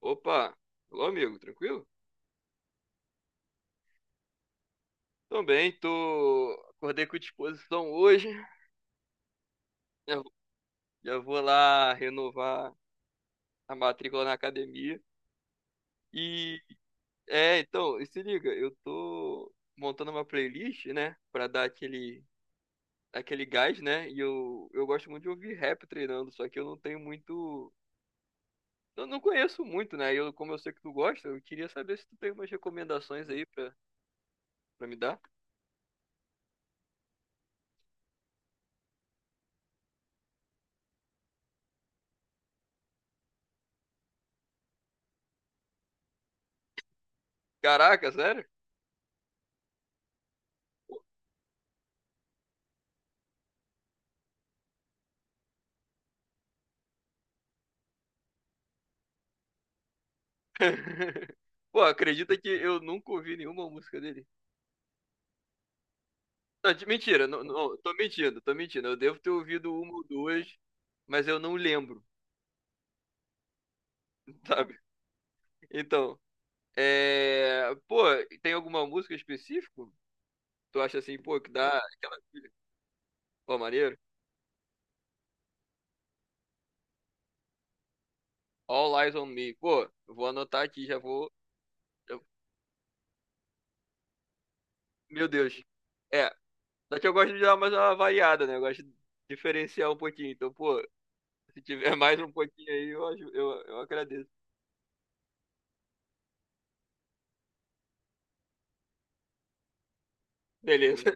Opa, alô amigo, tranquilo? Também tô. Acordei com disposição hoje. Já já vou lá renovar a matrícula na academia. E então, se liga, eu tô montando uma playlist, né, pra dar aquele gás, né? E eu gosto muito de ouvir rap treinando, só que eu não tenho muito. Eu não conheço muito, né? Como eu sei que tu gosta, eu queria saber se tu tem umas recomendações aí pra, pra me dar. Caraca, sério? Pô, acredita que eu nunca ouvi nenhuma música dele? Não, mentira, não, não, tô mentindo, tô mentindo. Eu devo ter ouvido uma ou duas, mas eu não lembro, sabe? Então, pô, tem alguma música específica? Tu acha assim, pô, que dá aquela... Pô, maneiro? All Eyes on Me. Pô, eu vou anotar aqui, já vou... eu- Meu Deus. É, só que eu gosto de dar mais uma variada, né? Eu gosto de diferenciar um pouquinho. Então, pô, se tiver mais um pouquinho aí, eu agradeço. Beleza.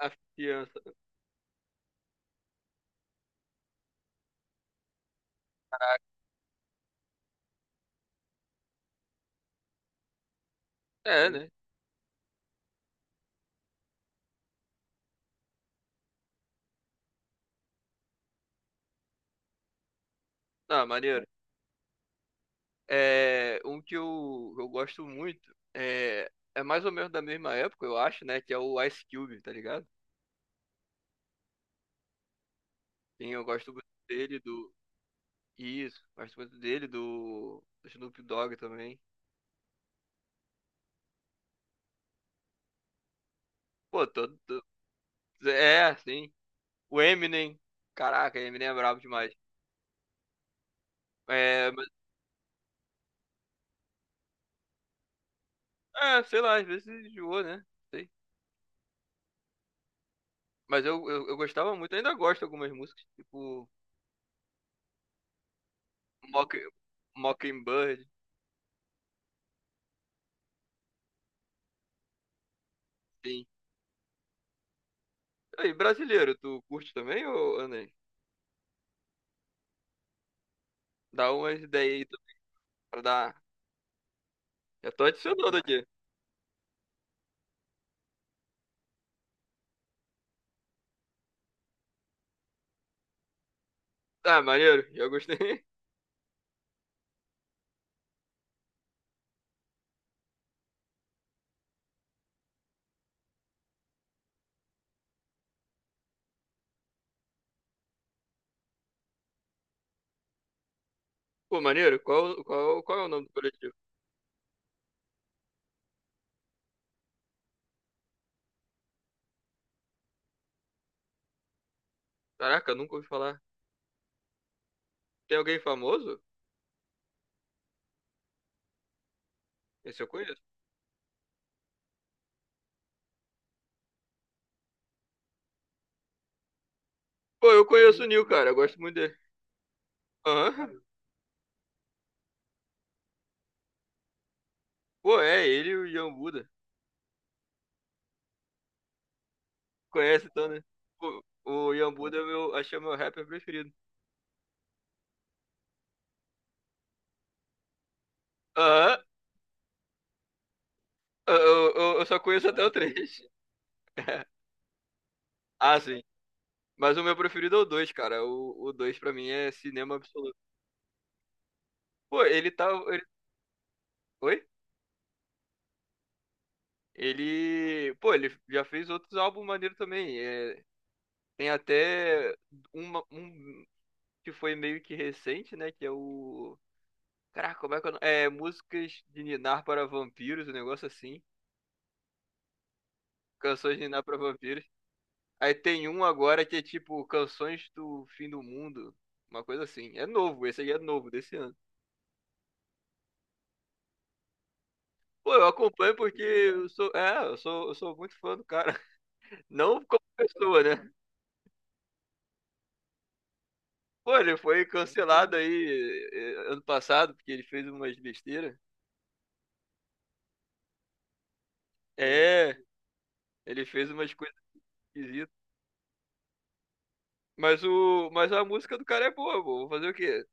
A fiança. É, né? Ah, maneiro. É, um que eu gosto muito é, é mais ou menos da mesma época, eu acho, né? Que é o Ice Cube, tá ligado? Sim, eu gosto muito dele, do. Isso, gosto muito dele, do, do Snoop Dogg também. Pô, todo. todo- É, sim. O Eminem. Caraca, Eminem é brabo demais. É, mas, é, sei lá, às vezes enjoou, né? Sei. Mas eu gostava muito, ainda gosto de algumas músicas, tipo Mocking, Mockingbird. Sim. E brasileiro, tu curte também, ô André? Dá umas ideias aí tu- pra dar. Já tô adicionando aqui. Ah, maneiro, já gostei. Pô, maneiro, qual é o nome do coletivo? Caraca, nunca ouvi falar. Tem alguém famoso? Esse eu conheço. Pô, eu conheço o Nil, cara, eu gosto muito dele. Aham. Pô, é, ele e o Ian Buda. Conhece então, né? Pô, o Ian Buda é o meu, acho que é o meu rapper preferido. Aham, eu, eu só conheço até o 3. Ah, sim. Mas o meu preferido é o 2, cara. O 2 pra mim é cinema absoluto. Pô, ele tá. ele- Oi? Ele. Pô, ele já fez outros álbuns maneiro também. É, tem até um que foi meio que recente, né? Que é o. Caraca, como é que é o nome? É Músicas de Ninar para Vampiros, um negócio assim. Canções de Ninar para Vampiros. Aí tem um agora que é tipo Canções do Fim do Mundo. Uma coisa assim. É novo, esse aí é novo desse ano. Pô, eu acompanho porque eu sou. É, eu sou muito fã do cara. Não como pessoa, né? Pô, ele foi cancelado aí ano passado, porque ele fez umas besteiras. É, ele fez umas coisas esquisitas. Mas a música do cara é boa, pô. Vou fazer o quê?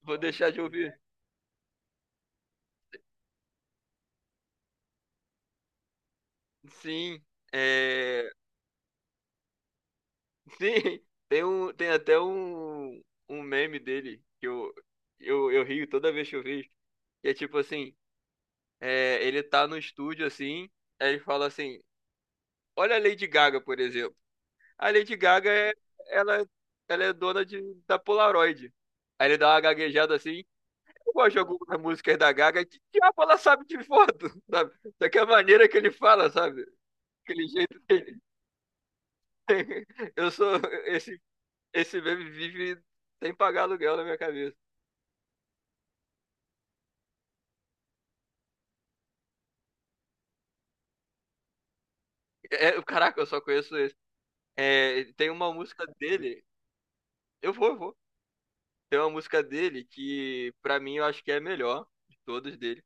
Vou deixar de ouvir. Sim, é, sim. Tem até um, um meme dele que eu rio toda vez que eu vejo. Que é tipo assim, é, ele tá no estúdio assim, aí ele fala assim, olha a Lady Gaga, por exemplo. A Lady Gaga é, ela, ela é dona de, da Polaroid. Aí ele dá uma gaguejada assim. Eu gosto de algumas músicas da Gaga. Que diabo ela sabe de foto, sabe? Daquela maneira que ele fala, sabe? Aquele jeito que ele tem. Eu sou. Esse, esse meme vive sem pagar aluguel na minha cabeça. Caraca, eu só conheço esse. É, tem uma música dele. Eu vou. Tem uma música dele que, pra mim, eu acho que é a melhor de todas dele.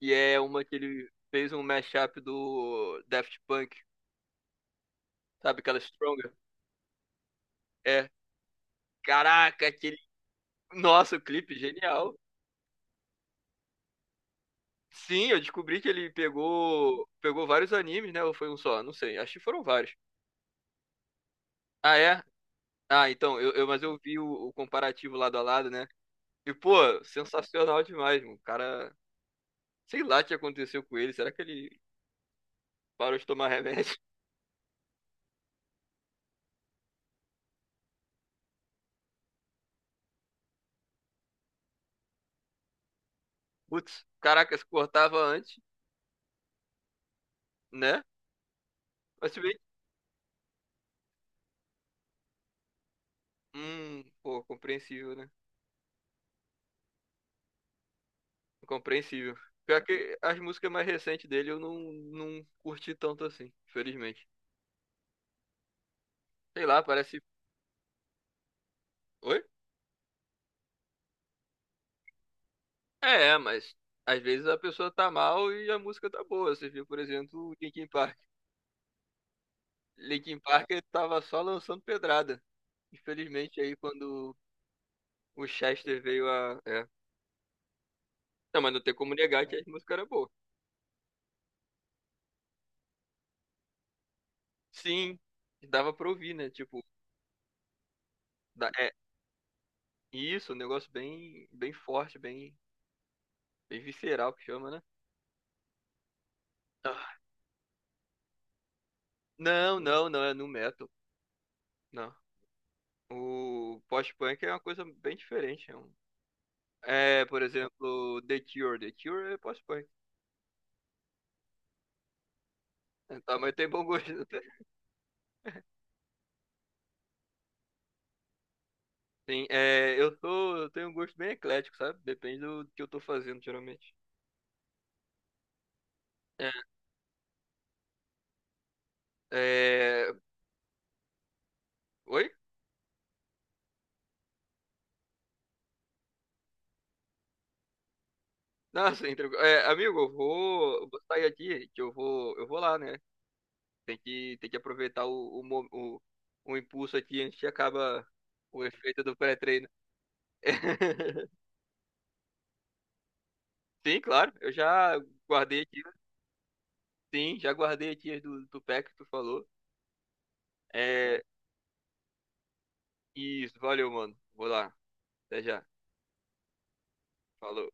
E é uma que ele fez um mashup do Daft Punk, sabe? Aquela Stronger. É. Caraca, aquele. Nossa, o clipe genial. Sim, eu descobri que ele pegou vários animes, né? Ou foi um só? Não sei. Acho que foram vários. Ah, é? Ah, então, mas eu vi o comparativo lado a lado, né? E, pô, sensacional demais, mano. O cara, sei lá o que aconteceu com ele. Será que ele parou de tomar remédio? Putz, caraca, se cortava antes, né? Mas se bem. Pô, compreensível, né? Compreensível. Pior que as músicas mais recentes dele eu não curti tanto assim, infelizmente. Sei lá, parece. Oi? Mas às vezes a pessoa tá mal e a música tá boa. Você viu, por exemplo, o Linkin Park. Linkin Park ele tava só lançando pedrada. Infelizmente, aí quando o Chester veio a. É. Não, mas não tem como negar que as músicas eram boas. Sim, dava pra ouvir, né? Tipo, é isso, um negócio bem, bem forte, bem, bem visceral que chama, né? Ah, não, não, não, é nu metal. Não. O post-punk é uma coisa bem diferente. É, é, por exemplo, The Cure. The Cure é post-punk. É, tá, mas tem bom gosto. Sim, é, eu tenho um gosto bem eclético, sabe? Depende do que eu tô fazendo, geralmente. É, é, Oi? Nossa, entregou. É, amigo, eu vou sair aqui, que eu vou lá, né? Tem que aproveitar o impulso aqui antes que acaba o efeito do pré-treino. Sim, claro. Eu já guardei aqui. Sim, já guardei aqui as do, do pack que tu falou. É, isso, valeu, mano. Vou lá. Até já. Falou.